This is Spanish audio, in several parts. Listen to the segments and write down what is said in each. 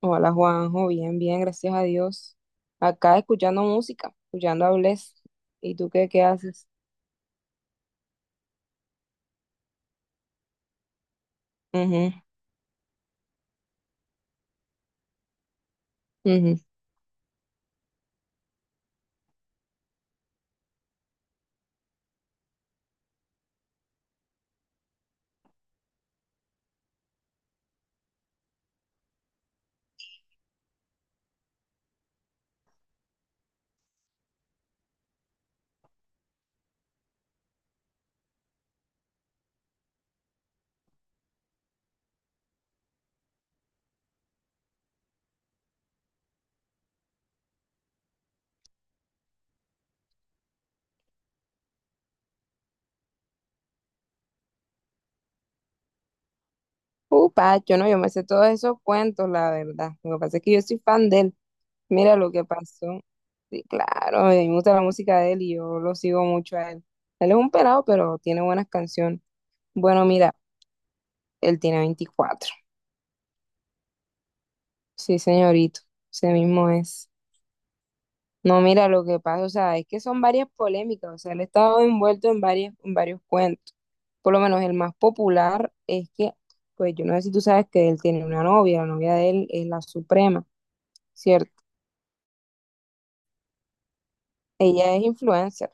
Hola Juanjo, bien, bien, gracias a Dios. Acá escuchando música, escuchando a Bless. ¿Y tú qué, qué haces? Ujú, ujú. Upa, yo no, yo me sé todos esos cuentos, la verdad. Lo que pasa es que yo soy fan de él. Mira lo que pasó. Sí, claro, a mí me gusta la música de él y yo lo sigo mucho a él. Él es un pelado, pero tiene buenas canciones. Bueno, mira, él tiene 24. Sí, señorito, ese mismo es. No, mira, lo que pasa, o sea, es que son varias polémicas, o sea, él ha estado envuelto en varias, en varios cuentos. Por lo menos el más popular es que, pues yo no sé si tú sabes que él tiene una novia, la novia de él es la Suprema, ¿cierto? Ella es influencer,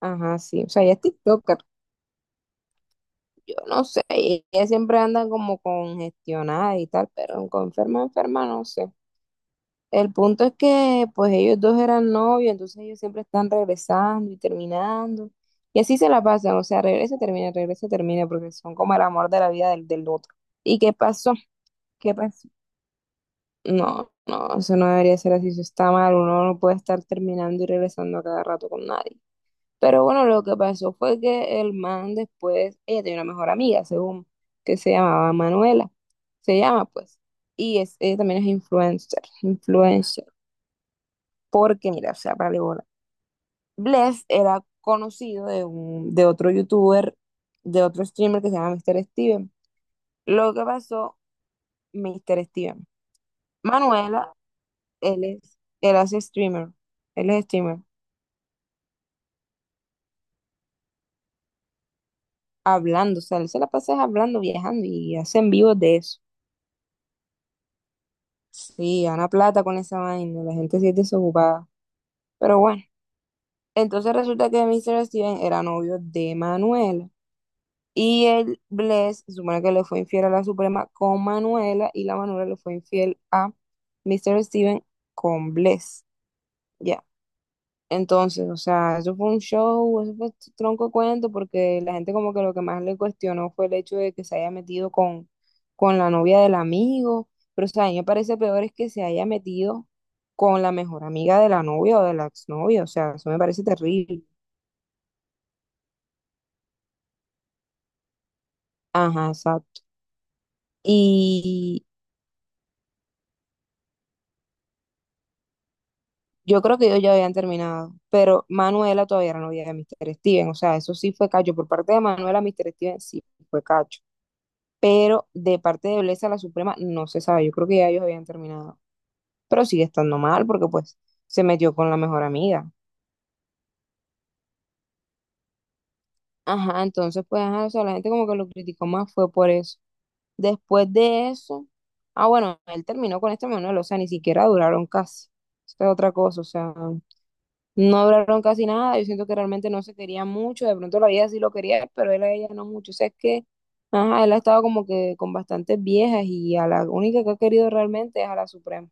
ajá, sí, o sea, ella es TikToker. Yo no sé, ella siempre anda como congestionada y tal, pero con enferma, enferma, no sé. El punto es que pues ellos dos eran novios, entonces ellos siempre están regresando y terminando. Y así se la pasan, o sea, regresa, termina, porque son como el amor de la vida del, del otro. ¿Y qué pasó? ¿Qué pasó? No, no, eso no debería ser así, eso está mal, uno no puede estar terminando y regresando a cada rato con nadie. Pero bueno, lo que pasó fue que el man después, ella tenía una mejor amiga, según, que se llamaba Manuela, se llama pues, y es, ella también es influencer, influencer. Porque, mira, o sea, para bola. Bless era conocido de, un, de otro youtuber, de otro streamer que se llama Mr. Steven. Lo que pasó, Mr. Steven. Manuela, él es, él hace streamer, él es streamer, hablando, o sea, él se la pasa hablando, viajando y hacen vivos de eso. Sí, gana plata con esa vaina, la gente sí es desocupada. Pero bueno, entonces resulta que Mr. Steven era novio de Manuela. Y el Bless, se supone que le fue infiel a la Suprema con Manuela y la Manuela le fue infiel a Mr. Steven con Bless. Ya. Entonces, o sea, eso fue un show, eso fue tronco de cuento, porque la gente como que lo que más le cuestionó fue el hecho de que se haya metido con la novia del amigo. Pero, o sea, a mí me parece peor es que se haya metido con la mejor amiga de la novia o de la exnovia. O sea, eso me parece terrible. Ajá, exacto. Yo creo que ellos ya habían terminado, pero Manuela todavía era novia de Mr. Steven, o sea, eso sí fue cacho. Por parte de Manuela, Mr. Steven sí fue cacho, pero de parte de Blesa la Suprema no se sabe, yo creo que ya ellos habían terminado, pero sigue estando mal porque pues se metió con la mejor amiga. Ajá, entonces pues, ajá, o sea, la gente como que lo criticó más fue por eso. Después de eso, ah, bueno, él terminó con este Manuel, o sea, ni siquiera duraron casi. Esta es otra cosa, o sea, no hablaron casi nada, yo siento que realmente no se quería mucho, de pronto la vida sí lo quería, pero él a ella no mucho, o sea, es que, ajá, él ha estado como que con bastantes viejas y a la única que ha querido realmente es a la Suprema.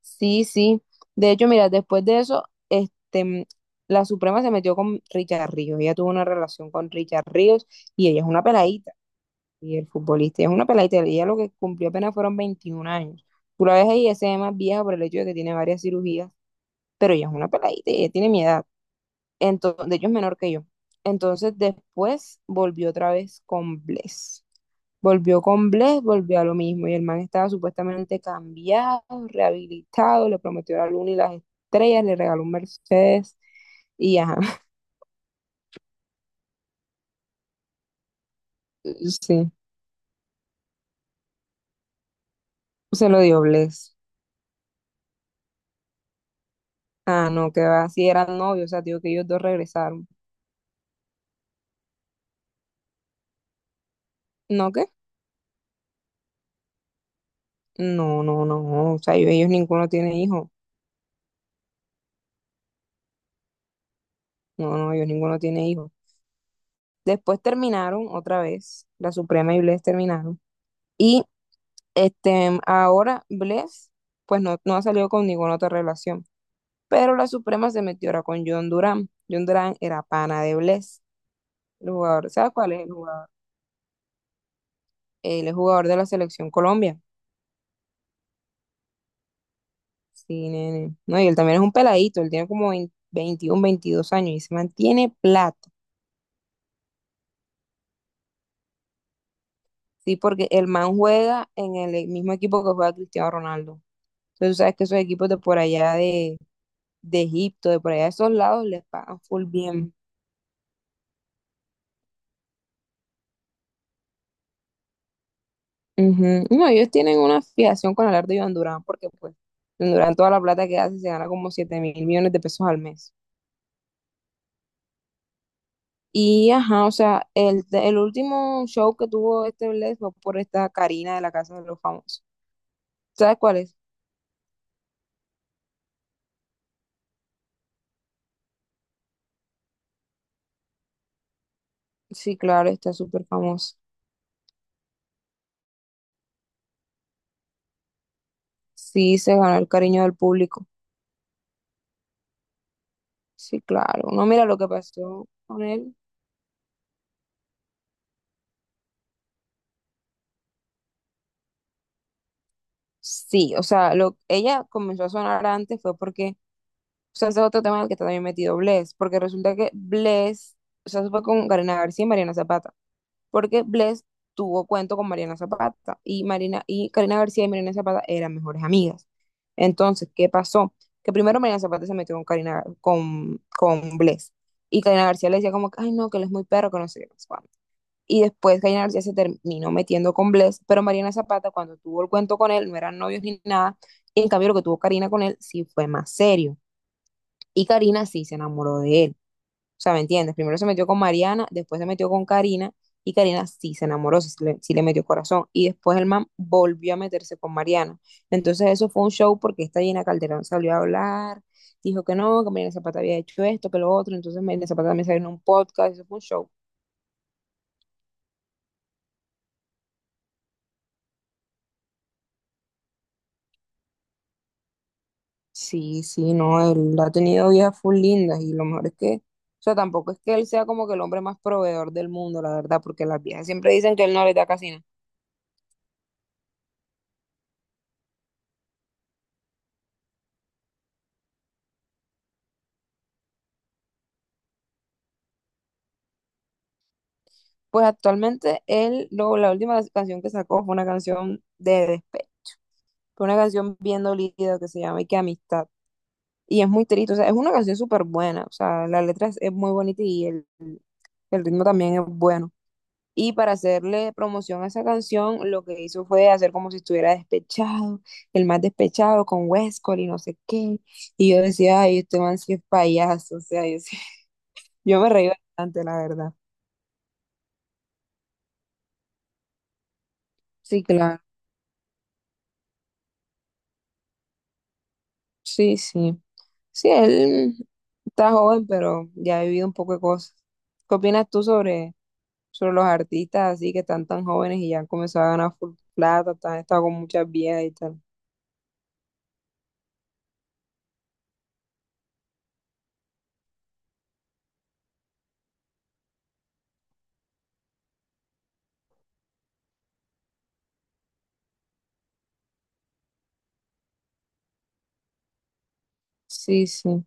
Sí, sí, de hecho, mira, después de eso, este, mm, la Suprema se metió con Richard Ríos, ella tuvo una relación con Richard Ríos y ella es una peladita, y el futbolista ella es una peladita, ella lo que cumplió apenas fueron 21 años. Tú la ves ahí, ella se ve más vieja por el hecho de que tiene varias cirugías, pero ella es una peladita, y ella tiene mi edad. Entonces, de hecho es menor que yo. Entonces después volvió otra vez con Bless. Volvió con Bless, volvió a lo mismo. Y el man estaba supuestamente cambiado, rehabilitado, le prometió la luna y las estrellas, le regaló un Mercedes. Y ajá, sí, se lo dio Bless. Ah, no, que va, si eran novios, o sea, digo que ellos dos regresaron. ¿No qué? No, no, no, o sea, ellos ninguno tiene hijo. No, no, ellos ninguno tiene hijo. Después terminaron otra vez, la Suprema y Bless terminaron. Y este, ahora Bless, pues no, no ha salido con ninguna otra relación. Pero la Suprema se metió ahora con John Durán. John Durán era pana de Bless, el jugador. ¿Sabes cuál es el jugador? Él es jugador de la selección Colombia. Sí, nene. No, y él también es un peladito. Él tiene como 20 21, 22 años y se mantiene plata. Sí, porque el man juega en el mismo equipo que juega Cristiano Ronaldo. Entonces, tú sabes que esos equipos de por allá de Egipto, de por allá de esos lados, les pagan full bien. Ujú. No, ellos tienen una fijación con hablar de Iván Durán, porque pues Iván Durán toda la plata que hace se gana como 7.000 millones de pesos al mes. Y ajá, o sea, el último show que tuvo este Bless fue por esta Karina de la Casa de los Famosos. ¿Sabes cuál es? Sí, claro, está súper famoso. Sí, se ganó el cariño del público. Sí, claro. No, mira lo que pasó con él. Sí, o sea, lo, ella comenzó a sonar antes fue porque... O sea, ese es otro tema en el que también metido Bless, porque resulta que Bless, o sea, se fue con Karina García y Mariana Zapata, porque Bless tuvo cuento con Mariana Zapata y Marina y Karina García y Mariana Zapata eran mejores amigas. Entonces, ¿qué pasó? Que primero Mariana Zapata se metió con Karina con Bless y Karina García le decía como que, ay no, que él es muy perro, que no sé qué no sé. Y después Karina García se terminó metiendo con Bless, pero Mariana Zapata cuando tuvo el cuento con él no eran novios ni nada, y en cambio lo que tuvo Karina con él sí fue más serio. Y Karina sí se enamoró de él. O sea, ¿me entiendes? Primero se metió con Mariana, después se metió con Karina y Karina sí se enamoró, sí le metió corazón. Y después el man volvió a meterse con Mariana. Entonces eso fue un show porque esta Gina Calderón salió a hablar, dijo que no, que Mariana Zapata había hecho esto, que lo otro. Entonces Mariana Zapata también salió en un podcast, eso fue un show. Sí, sí, no, él ha tenido vidas full lindas y lo mejor es que... O sea, tampoco es que él sea como que el hombre más proveedor del mundo, la verdad, porque las viejas siempre dicen que él no les da casi nada. Pues actualmente él, lo, la última canción que sacó fue una canción de despecho, fue una canción bien dolida que se llama Y que amistad. Y es muy triste, o sea, es una canción súper buena, o sea, la letra es muy bonita y el ritmo también es bueno. Y para hacerle promoción a esa canción, lo que hizo fue hacer como si estuviera despechado, el más despechado con Westcol y no sé qué. Y yo decía, ay, este man sí es payaso, o sea, yo, sí- yo me reí bastante, la verdad. Sí, claro. Sí, sí. Sí, él está joven, pero ya ha vivido un poco de cosas. ¿Qué opinas tú sobre, sobre los artistas así que están tan jóvenes y ya han comenzado a ganar full plata, están, han estado con muchas viejas y tal? Sí, sí.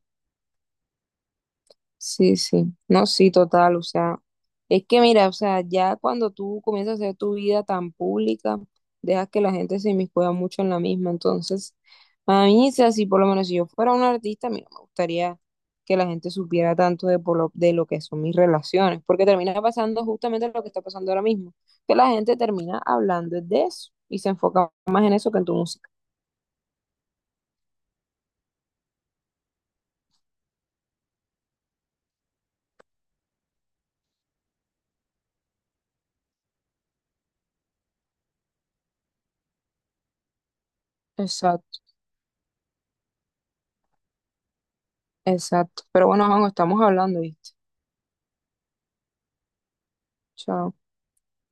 Sí, sí, no, sí, total, o sea, es que mira, o sea, ya cuando tú comienzas a hacer tu vida tan pública, dejas que la gente se inmiscuya mucho en la misma, entonces, a mí, o sea, si por lo menos si yo fuera un artista, a mí no me gustaría que la gente supiera tanto de, por lo, de lo que son mis relaciones, porque termina pasando justamente lo que está pasando ahora mismo, que la gente termina hablando de eso y se enfoca más en eso que en tu música. Exacto, exacto, pero bueno, vamos, estamos hablando, ¿viste? Chao.